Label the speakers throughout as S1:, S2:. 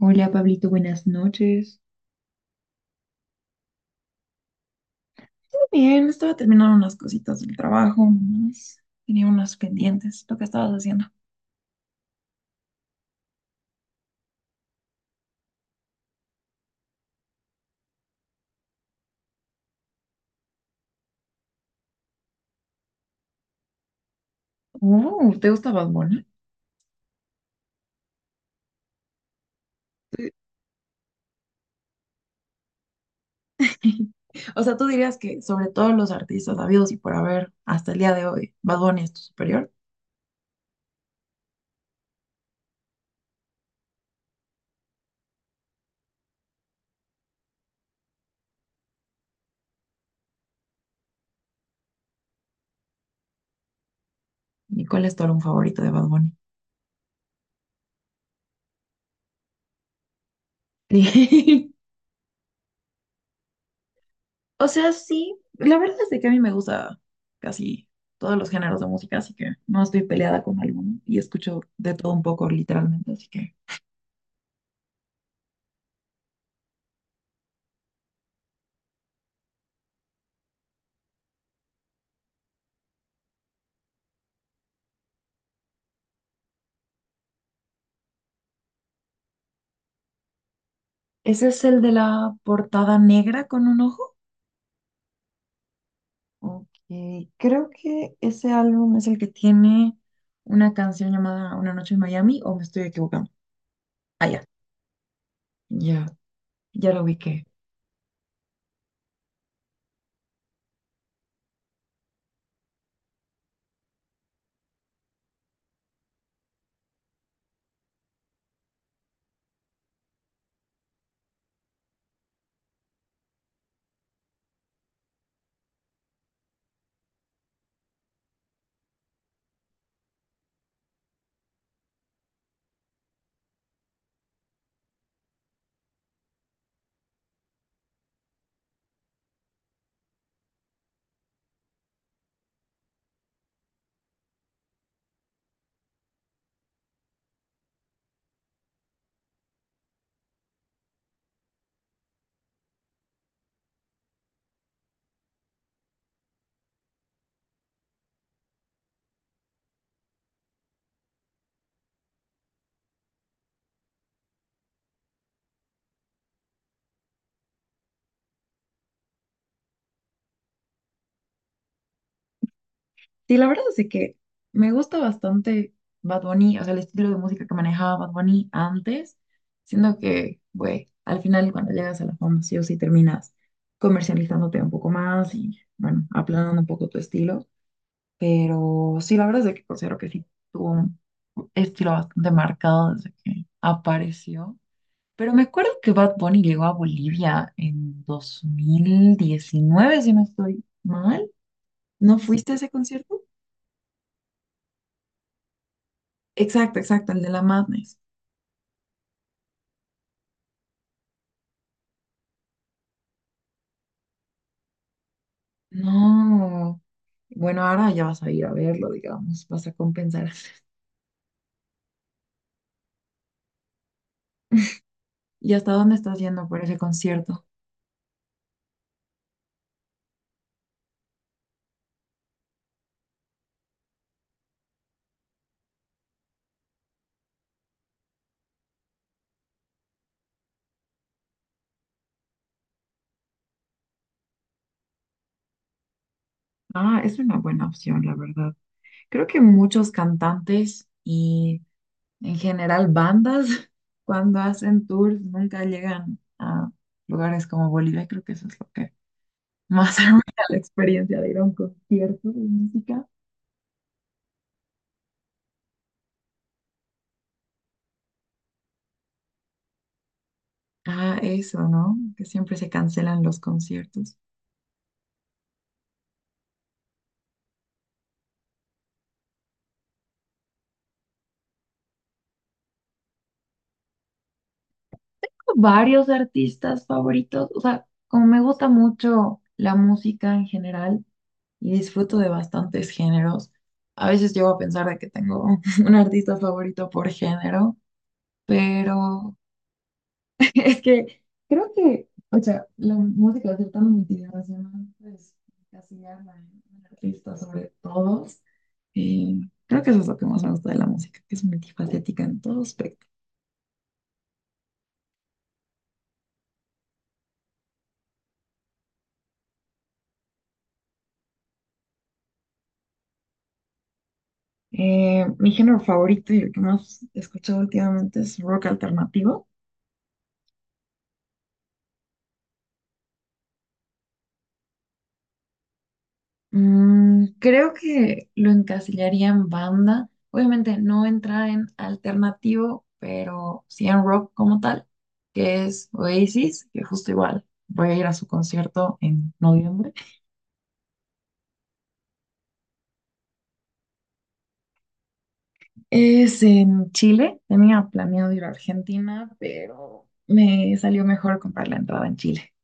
S1: Hola Pablito, buenas noches. Bien, estaba terminando unas cositas del trabajo, nomás. Tenía unas pendientes, lo que estabas haciendo. Oh, ¿te gusta Bad Bunny? Sí. O sea, tú dirías que sobre todos los artistas habidos y por haber hasta el día de hoy, Bad Bunny es tu superior. ¿Y cuál es tu álbum favorito de Bad Bunny? O sea, sí, la verdad es de que a mí me gusta casi todos los géneros de música, así que no estoy peleada con alguno y escucho de todo un poco, literalmente, así que... ¿Ese es el de la portada negra con un ojo? Ok, creo que ese álbum es el que tiene una canción llamada Una noche en Miami, o me estoy equivocando. Ah, ya, ya, ya lo ubiqué. Sí, la verdad es de que me gusta bastante Bad Bunny, o sea, el estilo de música que manejaba Bad Bunny antes, siendo que, güey, al final cuando llegas a la fama, sí o sí terminas comercializándote un poco más y, bueno, aplanando un poco tu estilo. Pero sí, la verdad es de que considero que sí tuvo un estilo bastante marcado desde que apareció. Pero me acuerdo que Bad Bunny llegó a Bolivia en 2019, si no estoy mal. ¿No fuiste a ese concierto? Exacto, exacto, el de la Madness. No. Bueno, ahora ya vas a ir a verlo, digamos, vas a compensar. ¿Y hasta dónde estás yendo por ese concierto? Ah, es una buena opción, la verdad. Creo que muchos cantantes y en general bandas, cuando hacen tours, nunca llegan a lugares como Bolivia, y creo que eso es lo que más arruina la experiencia de ir a un concierto de música. Ah, eso, ¿no? Que siempre se cancelan los conciertos. Varios artistas favoritos. O sea, como me gusta mucho la música en general y disfruto de bastantes géneros, a veces llego a pensar de que tengo un artista favorito por género, pero es que creo que, o sea, la música es tan multidimensional, pues encasillarla en un artista sobre todos. Y creo que eso es lo que más me gusta de la música, que es multifacética en todos aspectos. Mi género favorito y el que más he escuchado últimamente es rock alternativo. Creo que lo encasillaría en banda. Obviamente no entra en alternativo, pero sí en rock como tal, que es Oasis, que justo igual voy a ir a su concierto en noviembre. Es en Chile. Tenía planeado ir a Argentina, pero me salió mejor comprar la entrada en Chile.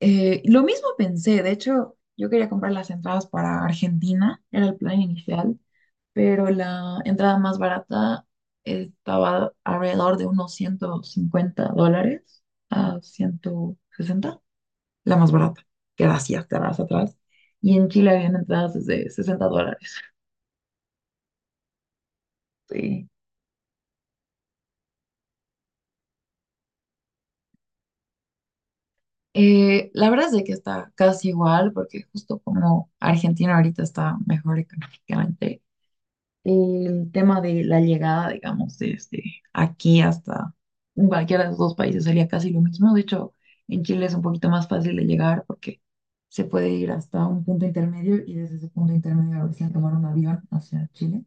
S1: Lo mismo pensé, de hecho, yo quería comprar las entradas para Argentina, era el plan inicial, pero la entrada más barata estaba alrededor de unos $150 a 160 la más barata, que era así hasta más atrás. Y en Chile habían entradas desde $60. Sí. La verdad es de que está casi igual, porque justo como Argentina ahorita está mejor económicamente, el tema de la llegada, digamos, desde aquí hasta cualquiera de los dos países sería casi lo mismo. De hecho, en Chile es un poquito más fácil de llegar porque se puede ir hasta un punto intermedio y desde ese punto intermedio recién tomar un avión hacia Chile,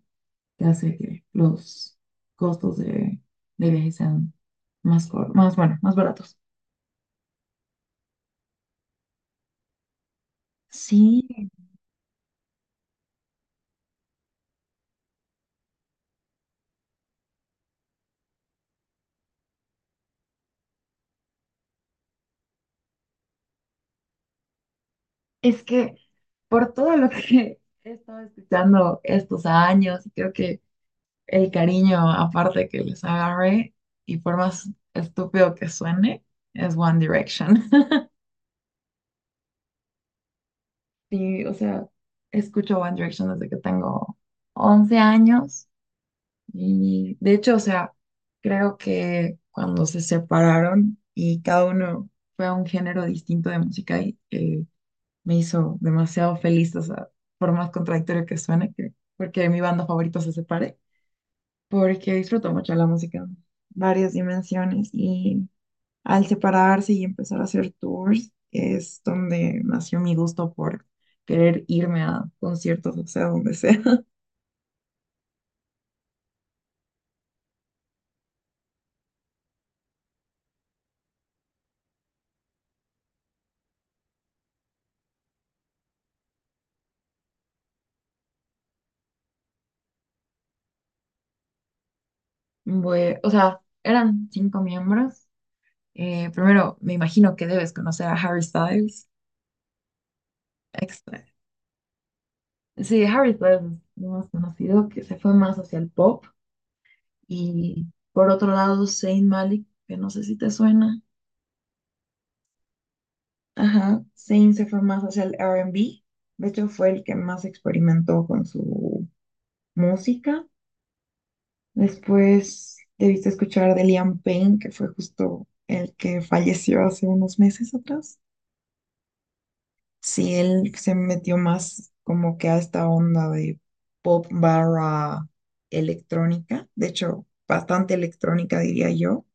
S1: que hace que los costos de viaje sean más, más, bueno, más baratos. Sí, es que por todo lo que he estado escuchando estos años, creo que el cariño aparte que les agarre y por más estúpido que suene, es One Direction. y o sea, escucho One Direction desde que tengo 11 años y de hecho, o sea, creo que cuando se separaron y cada uno fue a un género distinto de música y me hizo demasiado feliz, o sea, por más contradictorio que suene, que, porque mi banda favorita se separe, porque disfruto mucho la música en varias dimensiones y al separarse y empezar a hacer tours, es donde nació mi gusto por querer irme a conciertos, o sea, donde sea. O sea, eran cinco miembros. Primero, me imagino que debes conocer a Harry Styles. Extra. Sí, Harry Styles es lo más conocido, que se fue más hacia el pop. Y por otro lado, Zayn Malik, que no sé si te suena. Ajá, Zayn se fue más hacia el R&B. De hecho, fue el que más experimentó con su música. Después debiste escuchar de Liam Payne, que fue justo el que falleció hace unos meses atrás. Sí, él se metió más como que a esta onda de pop barra electrónica, de hecho, bastante electrónica diría yo,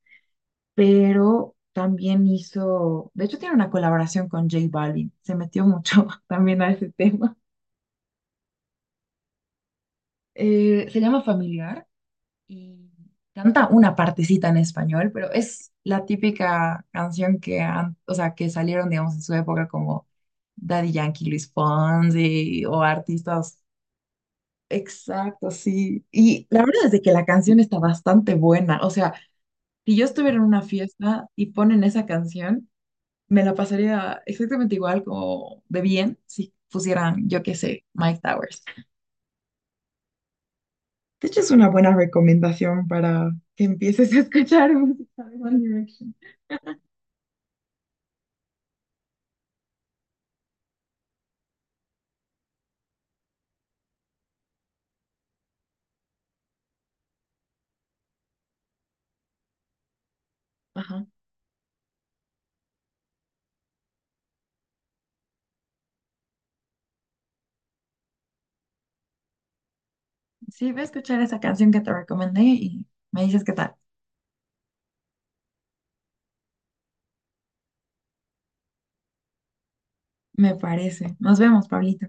S1: pero también hizo, de hecho tiene una colaboración con J Balvin, se metió mucho también a ese tema. Se llama Familiar y canta una partecita en español, pero es la típica canción que, o sea, que salieron, digamos, en su época como Daddy Yankee, Luis Fonsi o artistas. Exacto, sí. Y la verdad es de que la canción está bastante buena. O sea, si yo estuviera en una fiesta y ponen esa canción, me la pasaría exactamente igual como de bien si pusieran, yo qué sé, Mike Towers. De hecho, es una buena recomendación para que empieces a escuchar música de One Direction. Ajá. Sí, voy a escuchar esa canción que te recomendé y me dices qué tal. Me parece. Nos vemos, Pablito.